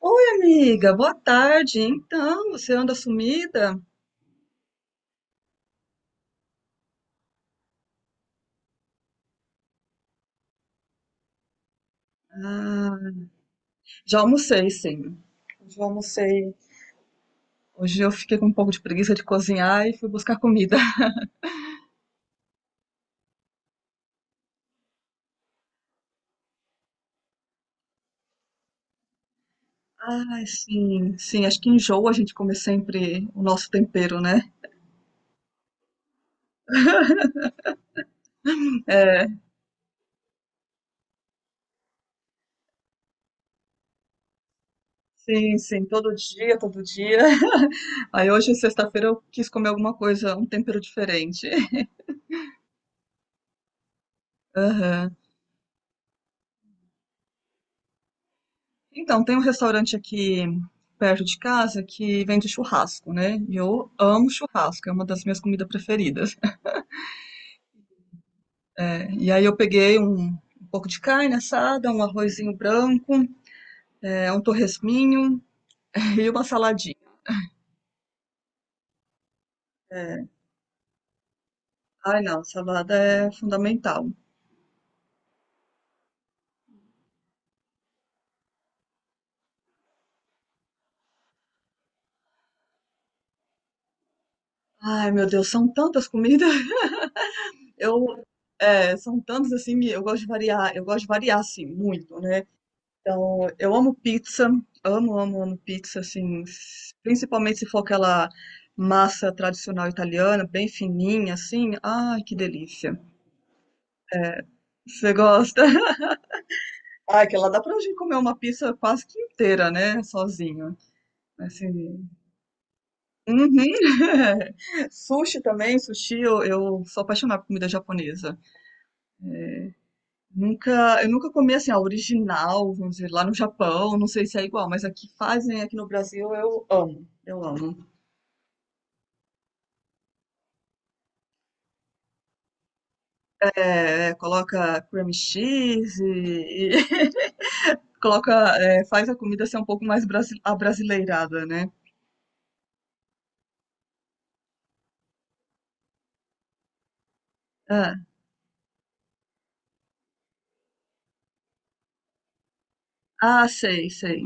Oi, amiga, boa tarde. Então, você anda sumida? Ah, já almocei, sim. Já almocei. Hoje eu fiquei com um pouco de preguiça de cozinhar e fui buscar comida. Ai, sim, sim. Acho que enjoa a gente comer sempre o nosso tempero, né? É, sim, sim. Todo dia, todo dia. Aí hoje, sexta-feira, eu quis comer alguma coisa, um tempero diferente. Aham. Então, tem um restaurante aqui perto de casa que vende churrasco, né? E eu amo churrasco, é uma das minhas comidas preferidas. É, e aí eu peguei um pouco de carne assada, um arrozinho branco, é, um torresminho e uma saladinha. É, ai, não, salada é fundamental. Ai, meu Deus, são tantas comidas. Eu, é, são tantas assim, eu gosto de variar, eu gosto de variar assim muito, né? Então, eu amo pizza, amo, amo, amo pizza, assim, principalmente se for aquela massa tradicional italiana, bem fininha, assim. Ai, que delícia. Você gosta? Ai, que lá dá pra gente comer uma pizza quase que inteira, né? Sozinho. Assim. Uhum. Sushi também, sushi, eu sou apaixonada por comida japonesa. Nunca, eu nunca comi assim, a original, vamos dizer, lá no Japão, não sei se é igual, mas aqui fazem, aqui no Brasil, eu amo. Eu amo. É, coloca cream cheese e, coloca, é, faz a comida ser um pouco mais brasi abrasileirada, né? Ah, ah, sei, sei.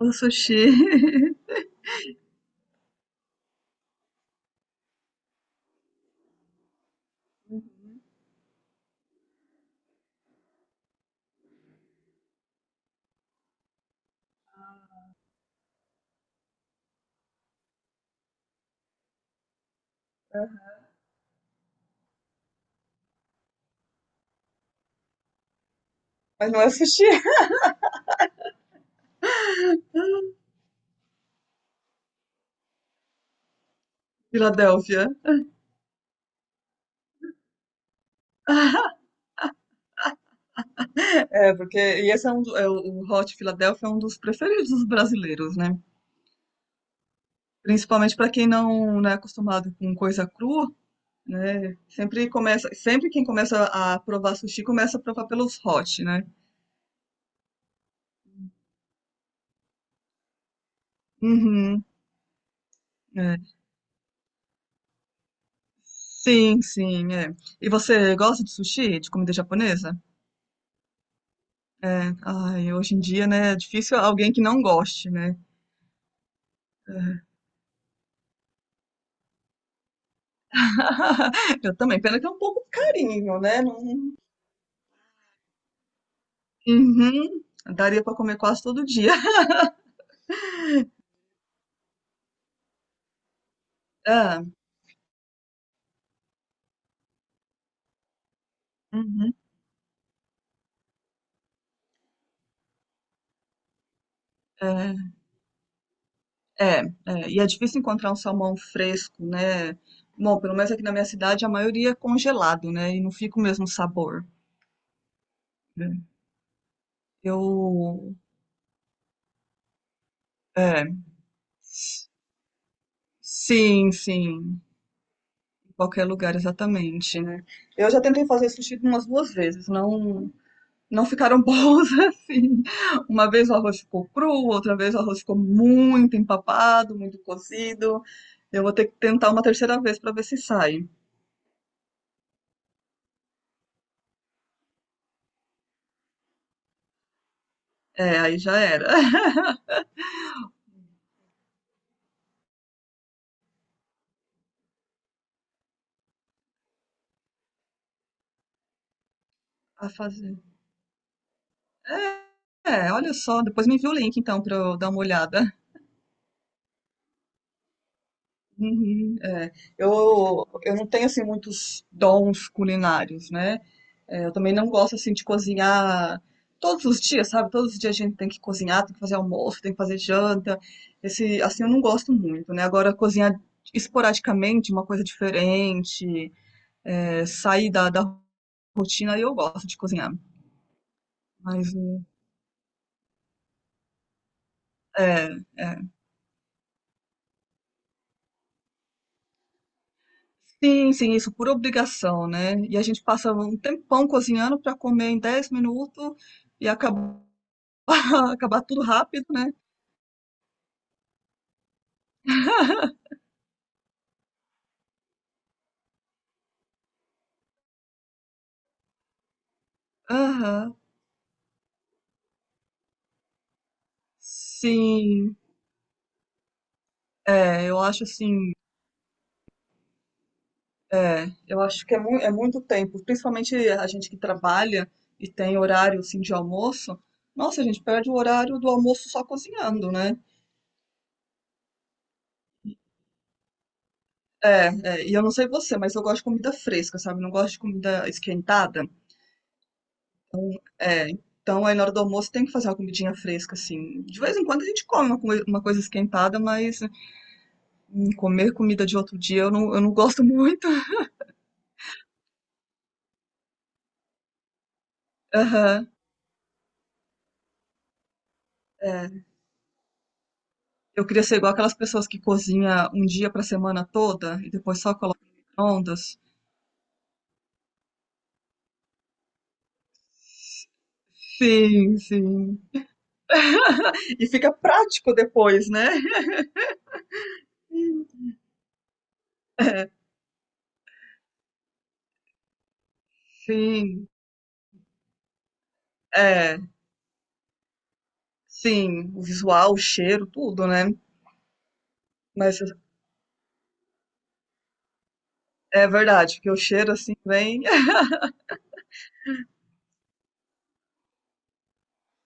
O sushi. Mas não é sushi. Filadélfia. É, porque e esse é é, o Hot Filadélfia é um dos preferidos dos brasileiros, né? Principalmente para quem não, não é acostumado com coisa crua, né? Sempre começa, sempre quem começa a provar sushi começa a provar pelos hot, né? Uhum. É. Sim, sim, é. E você gosta de sushi, de comida japonesa? É, ai, hoje em dia, né, é difícil alguém que não goste, né? Eu também, pena que é um pouco carinho, né? Não... Uhum, daria pra comer quase todo dia. Ah, uhum, é, e é difícil encontrar um salmão fresco, né? Bom, pelo menos aqui na minha cidade a maioria é congelado, né? E não fica o mesmo sabor. Né? Eu, é, sim, sim. Qualquer lugar, exatamente, né? Eu já tentei fazer sushi umas duas vezes, não, não ficaram bons assim. Uma vez o arroz ficou cru, outra vez o arroz ficou muito empapado, muito cozido. Eu vou ter que tentar uma terceira vez para ver se sai. É, aí já era. A fazer. É, olha só, depois me envia o link então para eu dar uma olhada. Uhum, é. Eu não tenho assim muitos dons culinários, né? É, eu também não gosto assim de cozinhar todos os dias, sabe? Todos os dias a gente tem que cozinhar, tem que fazer almoço, tem que fazer janta. Esse, assim, eu não gosto muito, né? Agora cozinhar esporadicamente, uma coisa diferente, é, sair da rotina, aí eu gosto de cozinhar. Mas é, é. Sim, sim, isso por obrigação, né? E a gente passa um tempão cozinhando para comer em 10 minutos e acaba acabar tudo rápido, né. Aham. Sim. É, eu acho assim, é, eu acho que é muito tempo, principalmente a gente que trabalha e tem horário, assim, de almoço. Nossa, a gente perde o horário do almoço só cozinhando, né. É, é, e eu não sei você, mas eu gosto de comida fresca, sabe, não gosto de comida esquentada. Então, é, então aí na hora do almoço tem que fazer uma comidinha fresca, assim. De vez em quando a gente come uma coisa esquentada, mas, comer comida de outro dia eu não gosto muito. Aham, é. Eu queria ser igual aquelas pessoas que cozinha um dia pra semana toda e depois só coloca no micro-ondas. Sim, sim. E fica prático depois, né? É, sim, é, sim. O visual, o cheiro, tudo, né? Mas é verdade, porque o cheiro assim vem.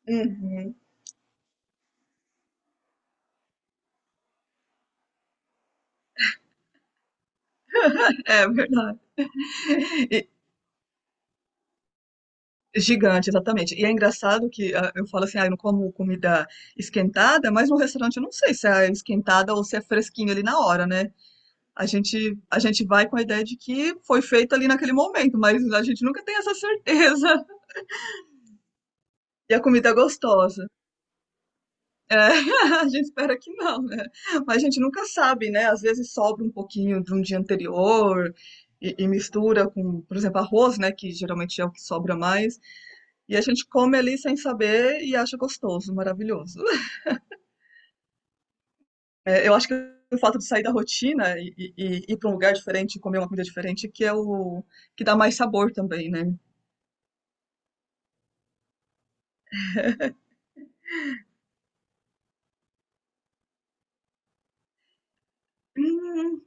Uhum, é verdade. E- Gigante, exatamente. E é engraçado que, ah, eu falo assim, ah, eu não como comida esquentada, mas no restaurante eu não sei se é esquentada ou se é fresquinho ali na hora, né? A gente vai com a ideia de que foi feito ali naquele momento, mas a gente nunca tem essa certeza. E a comida é gostosa. É, a gente espera que não, né? Mas a gente nunca sabe, né? Às vezes sobra um pouquinho de um dia anterior mistura com, por exemplo, arroz, né? Que geralmente é o que sobra mais. E a gente come ali sem saber e acha gostoso, maravilhoso. É, eu acho que o fato de sair da rotina e ir para um lugar diferente, comer uma comida diferente, que é o que dá mais sabor também, né?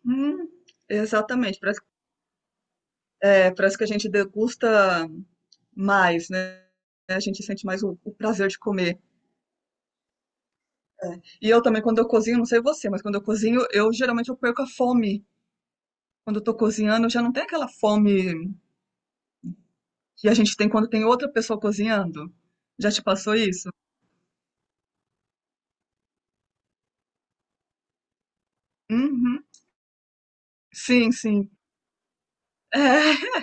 Uhum. Exatamente, parece, é, parece que a gente degusta mais, né? A gente sente mais o prazer de comer. É. E eu também, quando eu cozinho, não sei você, mas quando eu cozinho, eu geralmente eu perco a fome. Quando eu tô cozinhando, eu já não tem aquela fome que a gente tem quando tem outra pessoa cozinhando. Já te passou isso? Uhum. Sim, sim. É,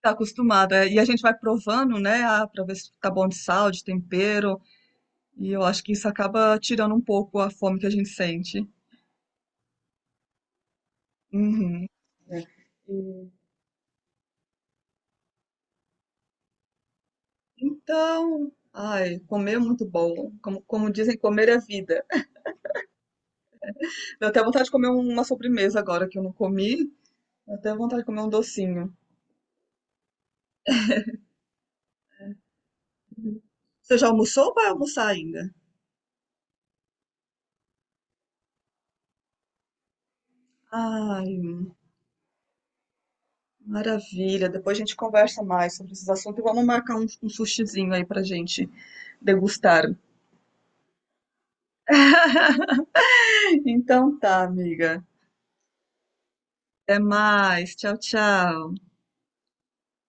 tá acostumada. E a gente vai provando, né? Ah, pra ver se tá bom de sal, de tempero. E eu acho que isso acaba tirando um pouco a fome que a gente sente. Uhum. Então, ai, comer é muito bom. Como, como dizem, comer é vida. Deu até vontade de comer uma sobremesa agora que eu não comi. Deu até vontade de comer um docinho. Você já almoçou ou vai almoçar ainda? Ai, maravilha. Depois a gente conversa mais sobre esses assuntos e vamos marcar um sushizinho aí pra gente degustar. Então tá, amiga. Até mais. Tchau, tchau.